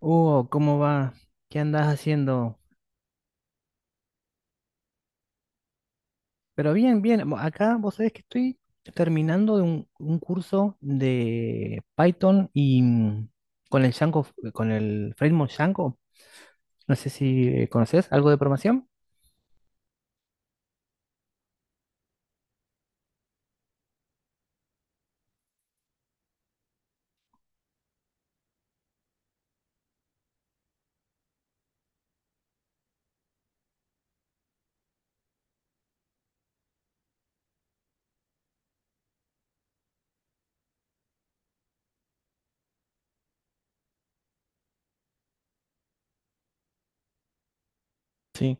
Hugo, ¿cómo va? ¿Qué andas haciendo? Pero bien, bien. Acá vos sabés que estoy terminando de un curso de Python y con el Django, con el framework Django. No sé si conoces algo de programación. Sí.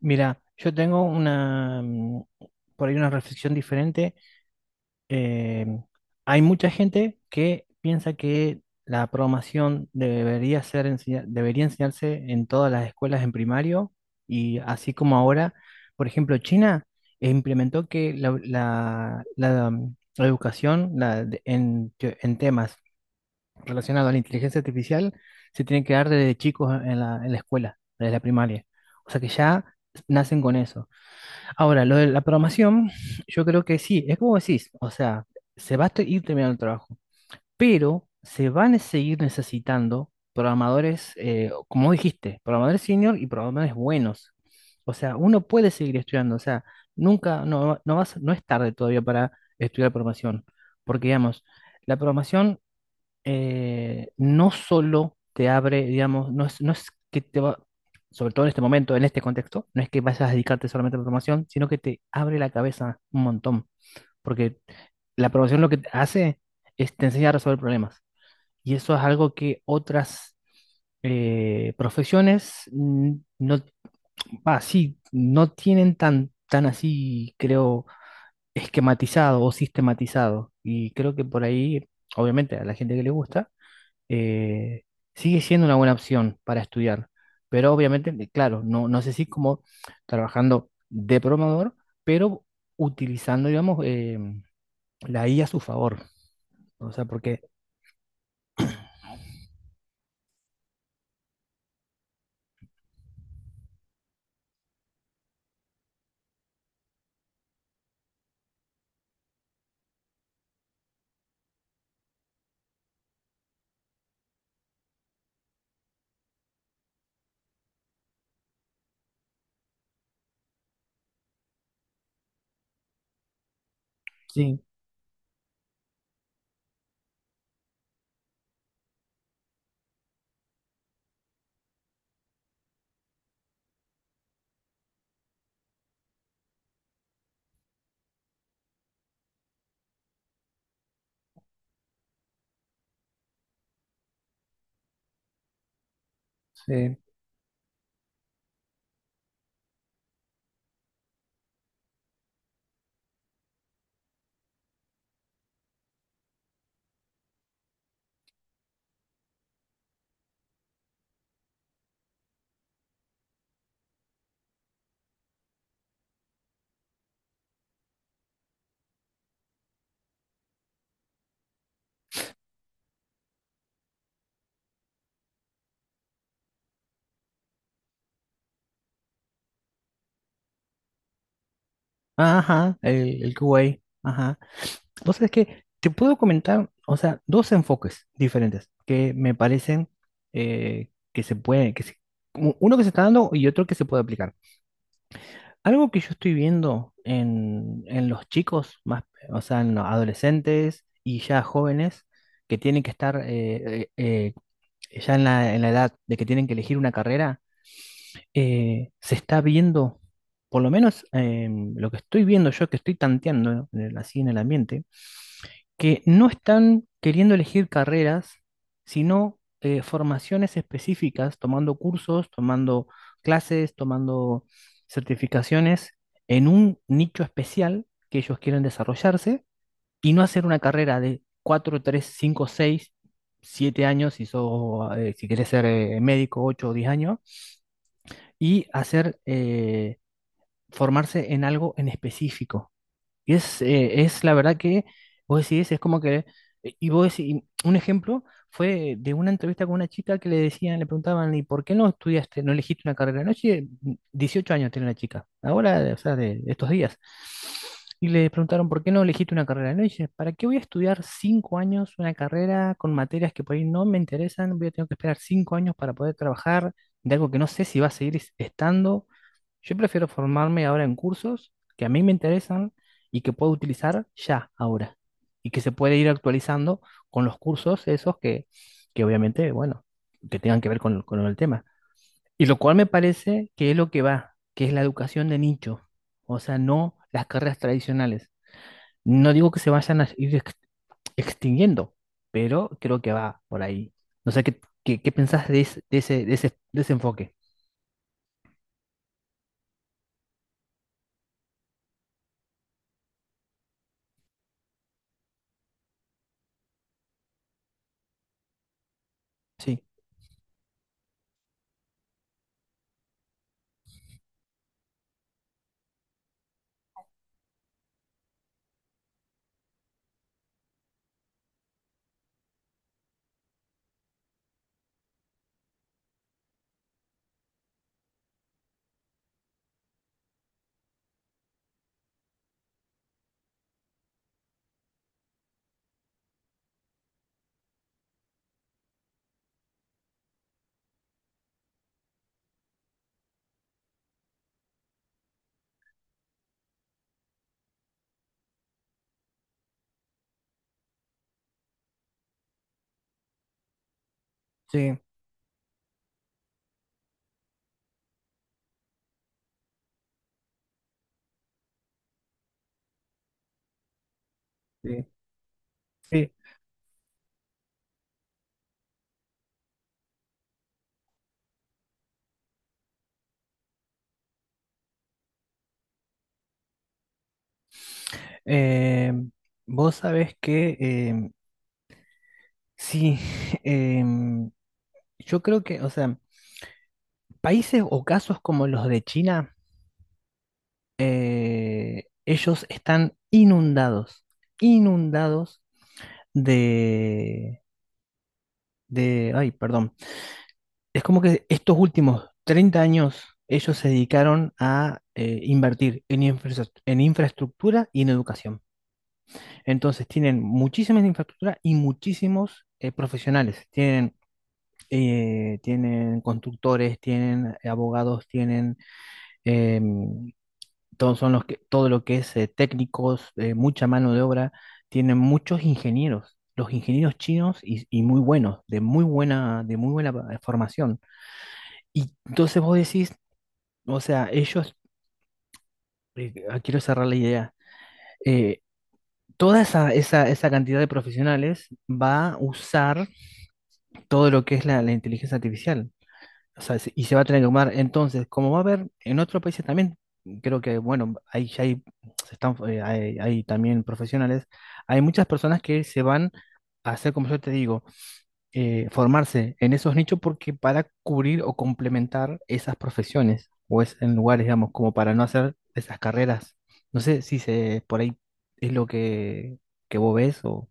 Mira, yo tengo una, por ahí una reflexión diferente. Eh, hay mucha gente que piensa que la programación debería enseñarse en todas las escuelas en primario y así como ahora, por ejemplo, China implementó que la educación la de- en, te- en temas relacionados a la inteligencia artificial se tiene que dar desde chicos en en la escuela, desde la primaria. O sea que ya nacen con eso. Ahora, lo de la programación, yo creo que sí, es como decís, o sea, se va a ir terminando el trabajo, pero se van a seguir necesitando programadores, como dijiste, programadores senior y programadores buenos. O sea, uno puede seguir estudiando, o sea, nunca, no, no vas, no es tarde todavía para estudiar programación, porque digamos, la programación no solo te abre, digamos, no es, no es que te va, sobre todo en este momento, en este contexto, no es que vayas a dedicarte solamente a la programación, sino que te abre la cabeza un montón, porque la programación lo que te hace es te enseña a resolver problemas, y eso es algo que otras profesiones no, ah, sí, no tienen tan, tan así, creo, esquematizado o sistematizado, y creo que por ahí, obviamente, a la gente que le gusta, eh, sigue siendo una buena opción para estudiar, pero obviamente, claro, no, no sé si como trabajando de programador, pero utilizando, digamos, la IA a su favor. O sea, porque sí, sí. Ajá, el QA, ajá. Entonces, es que te puedo comentar, o sea, dos enfoques diferentes que me parecen que se pueden, uno que se está dando y otro que se puede aplicar. Algo que yo estoy viendo en los chicos, más, o sea, en los adolescentes y ya jóvenes que tienen que estar ya en la edad de que tienen que elegir una carrera, se está viendo, por lo menos lo que estoy viendo yo, que estoy tanteando así en el ambiente, que no están queriendo elegir carreras, sino formaciones específicas, tomando cursos, tomando clases, tomando certificaciones en un nicho especial que ellos quieren desarrollarse y no hacer una carrera de 4, 3, 5, 6, 7 años, si, sos, si querés ser médico, 8 o 10 años, y hacer, formarse en algo en específico. Y es la verdad que vos decís, es como que, y vos decís, un ejemplo fue de una entrevista con una chica que le decían, le preguntaban, ¿y por qué no estudiaste, no elegiste una carrera? No, sí, 18 años tiene la chica, ahora, o sea, de estos días. Y le preguntaron, ¿por qué no elegiste una carrera? No, dice, ¿para qué voy a estudiar cinco años una carrera con materias que por ahí no me interesan? Voy a tener que esperar cinco años para poder trabajar de algo que no sé si va a estando. Yo prefiero formarme ahora en cursos que a mí me interesan y que puedo utilizar ya, ahora, y que se puede ir actualizando con los cursos esos que obviamente, bueno, que tengan que ver con el tema. Y lo cual me parece que es lo que va, que es la educación de nicho, o sea, no las carreras tradicionales. No digo que se vayan a extinguiendo, pero creo que va por ahí. No sé qué, qué, qué pensás de, ese, de ese, de ese enfoque. Sí, sí, sí, sí. Eh, vos sabés que sí, em, yo creo que, o sea, países o casos como los de China, ellos están inundados, inundados de, de, ay, perdón, es como que estos últimos 30 años ellos se dedicaron a invertir en infraestructura y en educación. Entonces tienen muchísimas infraestructura y muchísimos profesionales. Tienen tienen constructores, tienen abogados, tienen em, todos son los que, todo lo que es técnicos, mucha mano de obra, tienen muchos ingenieros, los ingenieros chinos y muy buenos, de muy buena formación. Y entonces vos decís, o sea, ellos, quiero cerrar la idea, eh, toda esa, esa, esa cantidad de profesionales va a usar todo lo que es la inteligencia artificial. O sea, y se va a tener que tomar. Entonces, como va a haber en otros países también, creo que, bueno, ahí ya hay, se están, hay, hay también profesionales, hay muchas personas que se van a hacer, como yo te digo, formarse en esos nichos porque para cubrir o complementar esas profesiones o es en lugares, digamos, como para no hacer esas carreras. No sé si se, por ahí es lo que vos ves o...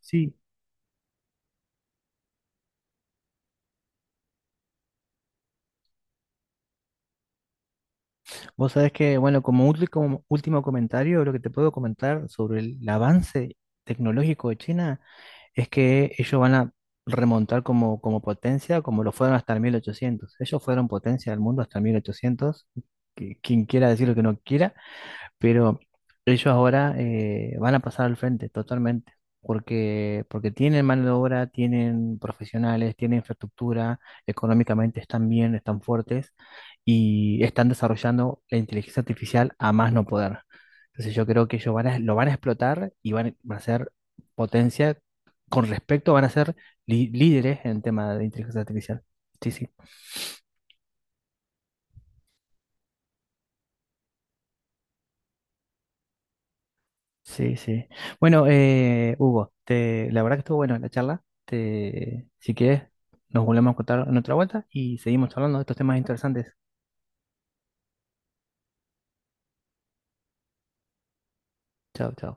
Sí. Vos sabés que, bueno, como último, último comentario, lo que te puedo comentar sobre el avance tecnológico de China es que ellos van a remontar como, como potencia, como lo fueron hasta el 1800. Ellos fueron potencia del mundo hasta el 1800, quien quiera decir lo que no quiera, pero ellos ahora van a pasar al frente totalmente, porque, porque tienen mano de obra, tienen profesionales, tienen infraestructura, económicamente están bien, están fuertes y están desarrollando la inteligencia artificial a más no poder. Entonces yo creo que ellos lo van a explotar y van, van a ser potencia con respecto, van a ser líderes en tema de inteligencia artificial. Sí, sí. Sí, sí. Bueno, Hugo, te, la verdad que estuvo bueno la charla. Te, si quieres, nos volvemos a contar en otra vuelta y seguimos hablando de estos temas interesantes. Chao, chao.